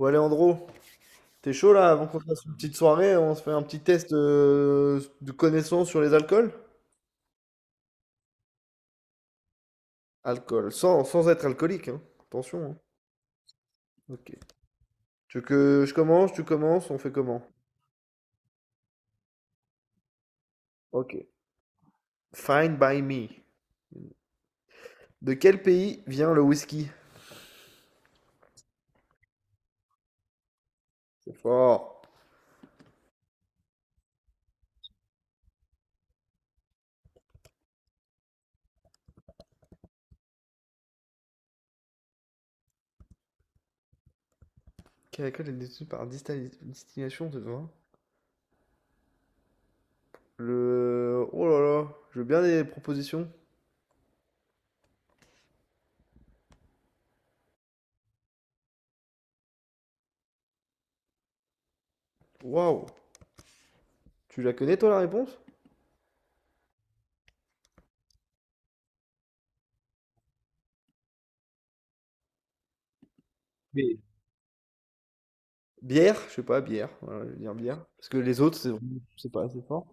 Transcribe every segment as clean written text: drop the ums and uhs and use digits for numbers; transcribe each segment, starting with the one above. Ouais, Léandro, t'es chaud là avant qu'on fasse une petite soirée, on se fait un petit test de connaissance sur les alcools? Alcool, sans être alcoolique, hein. Attention, hein. Ok. Tu veux que je commence, tu commences, on fait comment? Ok. Fine by me. De quel pays vient le whisky? C'est fort. Quel alcool est détenu par distillation de vin? Le... Oh là là, je veux bien des propositions. Waouh. Tu la connais toi la réponse? Oui. Bière, je sais pas, bière. Voilà, je vais dire bière. Parce que les autres, c'est pas assez fort.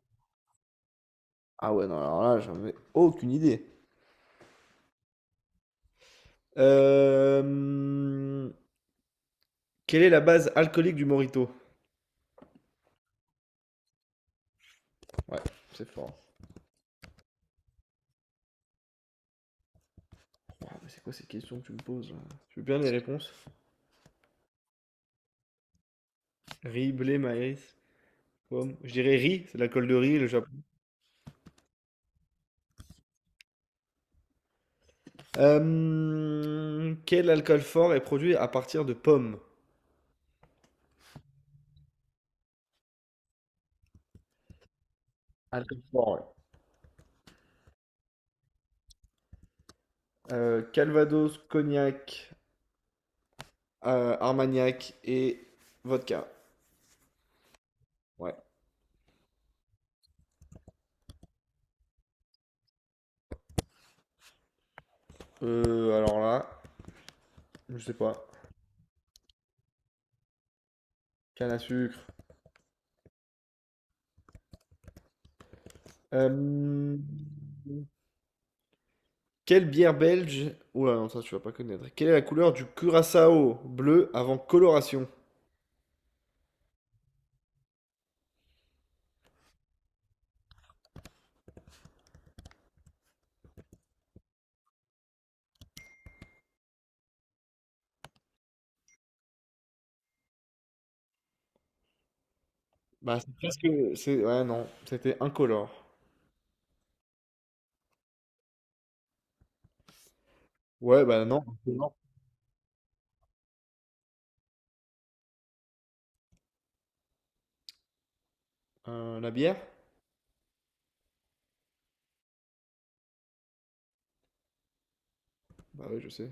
Ah ouais, non, alors là, j'en ai aucune idée. Euh, Quelle est la base alcoolique du Morito? Ouais, c'est fort. Oh, mais c'est quoi ces questions que tu me poses là? Tu veux bien les réponses? Riz, blé, maïs, pomme. Je dirais riz, c'est l'alcool de riz, le Japon. Quel alcool fort est produit à partir de pommes? Alcool fort, ouais. Calvados, cognac, Armagnac et vodka. Ouais. Alors là, je sais pas. Canne à sucre. Euh, Quelle bière belge? Oula, non, ça tu vas pas connaître. Quelle est la couleur du curaçao bleu avant coloration? Bah, c'est presque. C'est... Ouais, non, c'était incolore. Ouais, bah non, incolore. La bière? Bah oui, je sais.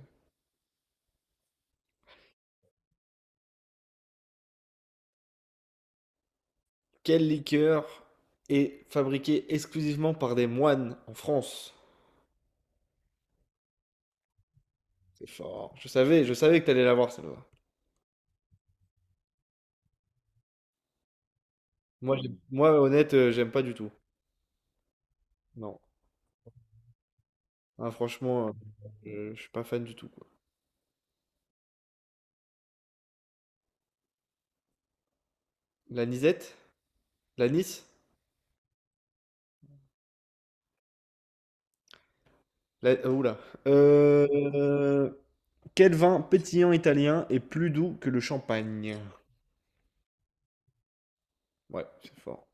Quelle liqueur est fabriquée exclusivement par des moines en France? C'est fort. Je savais que t'allais l'avoir celle-là. Moi, honnête, j'aime pas du tout. Non. Ah, franchement, je suis pas fan du tout, quoi. La Nisette? La Nice? La... Oula. Euh... Quel vin pétillant italien est plus doux que le champagne? Ouais, c'est fort.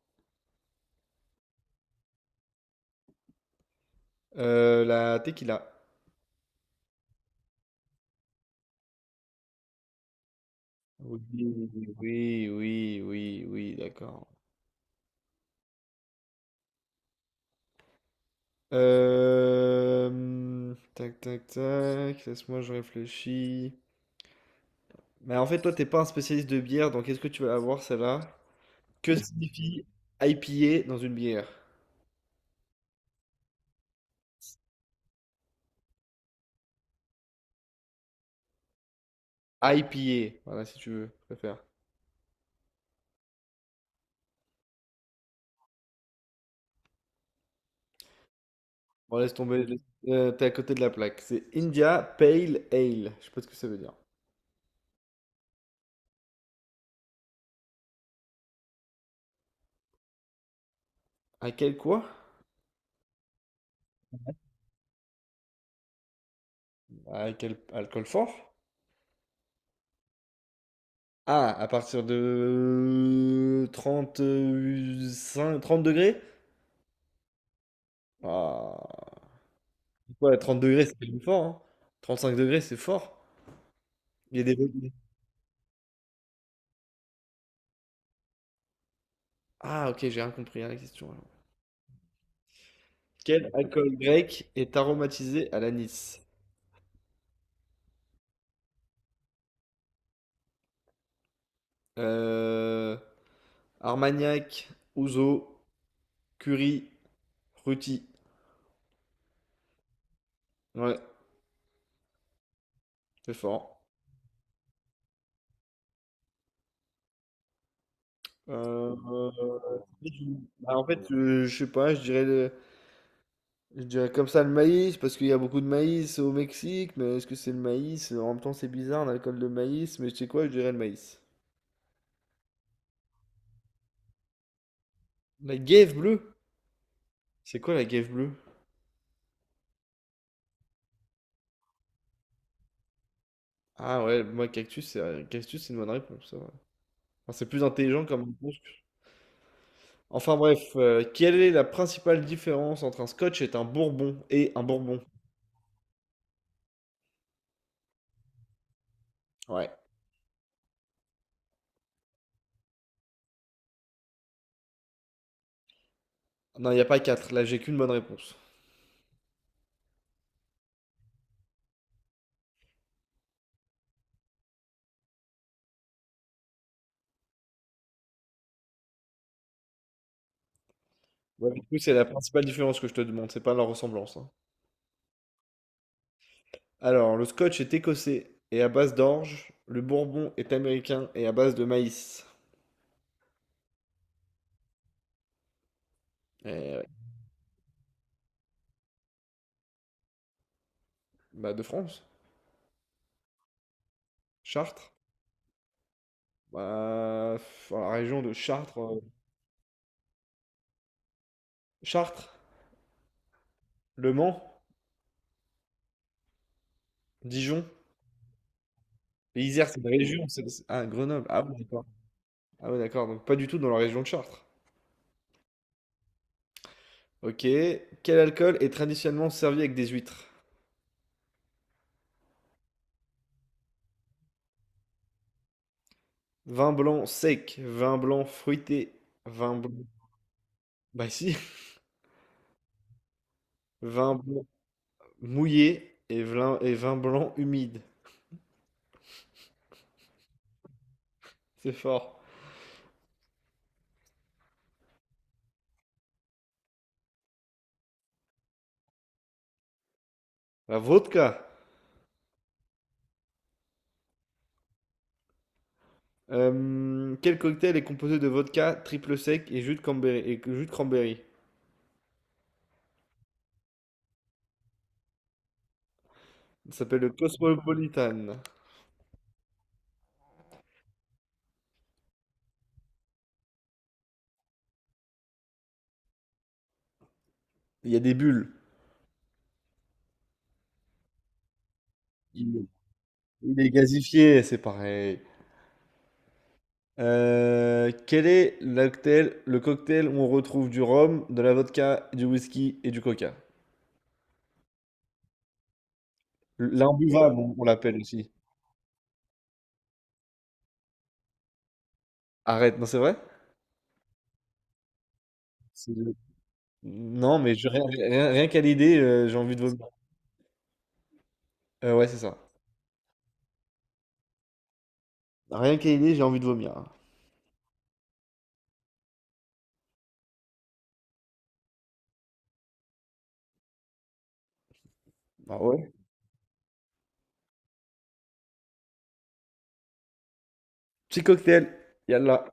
La tequila. Oui, oui, oui, oui, oui, d'accord. Tac, tac, tac. Laisse-moi, je réfléchis. Mais en fait, toi, t'es pas un spécialiste de bière, donc est-ce que tu vas avoir celle-là? Que signifie IPA dans une bière? IPA, voilà, si tu veux, je préfère. Bon, t'es à côté de la plaque. C'est India Pale Ale. Je sais pas ce que ça veut dire. À quel quoi? À quel alcool fort? Ah, à partir de 35, 30 degrés? Ah, ouais, 30 degrés, c'est quand même fort, hein. Cinq degrés, c'est fort. Il y a des degrés. Ah, ok, j'ai rien compris à la question alors. Quel alcool grec est aromatisé à l'anis? Euh, Armagnac, Ouzo, Curie, Ruti. Ouais, c'est fort. Euh, euh, Bah, en fait, je sais pas, Je dirais comme ça le maïs, parce qu'il y a beaucoup de maïs au Mexique, mais est-ce que c'est le maïs? En même temps, c'est bizarre, un alcool de maïs, mais tu sais quoi, je dirais le maïs. La guêpe bleue? C'est quoi la guêpe bleue? Ah ouais, moi, cactus, c'est une bonne réponse, ça va. Enfin, c'est plus intelligent comme réponse que... Enfin bref, quelle est la principale différence entre un scotch et un bourbon? Et un bourbon? Ouais. Non, il n'y a pas quatre, là, j'ai qu'une bonne réponse. Ouais, du coup, c'est la principale différence que je te demande, c'est pas leur ressemblance, hein. Alors, le scotch est écossais et à base d'orge. Le bourbon est américain et à base de maïs. Eh ouais. Bah, de France. Chartres. Bah, pff, la région de Chartres, Chartres. Le Mans. Dijon. Et Isère, c'est une région, ah, Grenoble. Ah oui, d'accord. Ah ouais, d'accord. Donc, pas du tout dans la région de Chartres. Ok. Quel alcool est traditionnellement servi avec des huîtres? Vin blanc sec. Vin blanc fruité. Vin blanc. Bah, si. Vin blanc mouillé et vin blanc humide. C'est fort. La vodka. Quel cocktail est composé de vodka, triple sec et jus de cranberry? Ça s'appelle le Cosmopolitan. Il y a des bulles. Il, il est gazifié, c'est pareil. Quel est le cocktail où on retrouve du rhum, de la vodka, du whisky et du coca? L'imbuvable, on l'appelle aussi. Arrête, non, c'est vrai? C'est le... Rien qu'à l'idée, j'ai envie de vomir. Ouais, c'est ça. Rien qu'à l'idée, j'ai envie de vomir. Ah ouais? Petit cocktail. Yallah.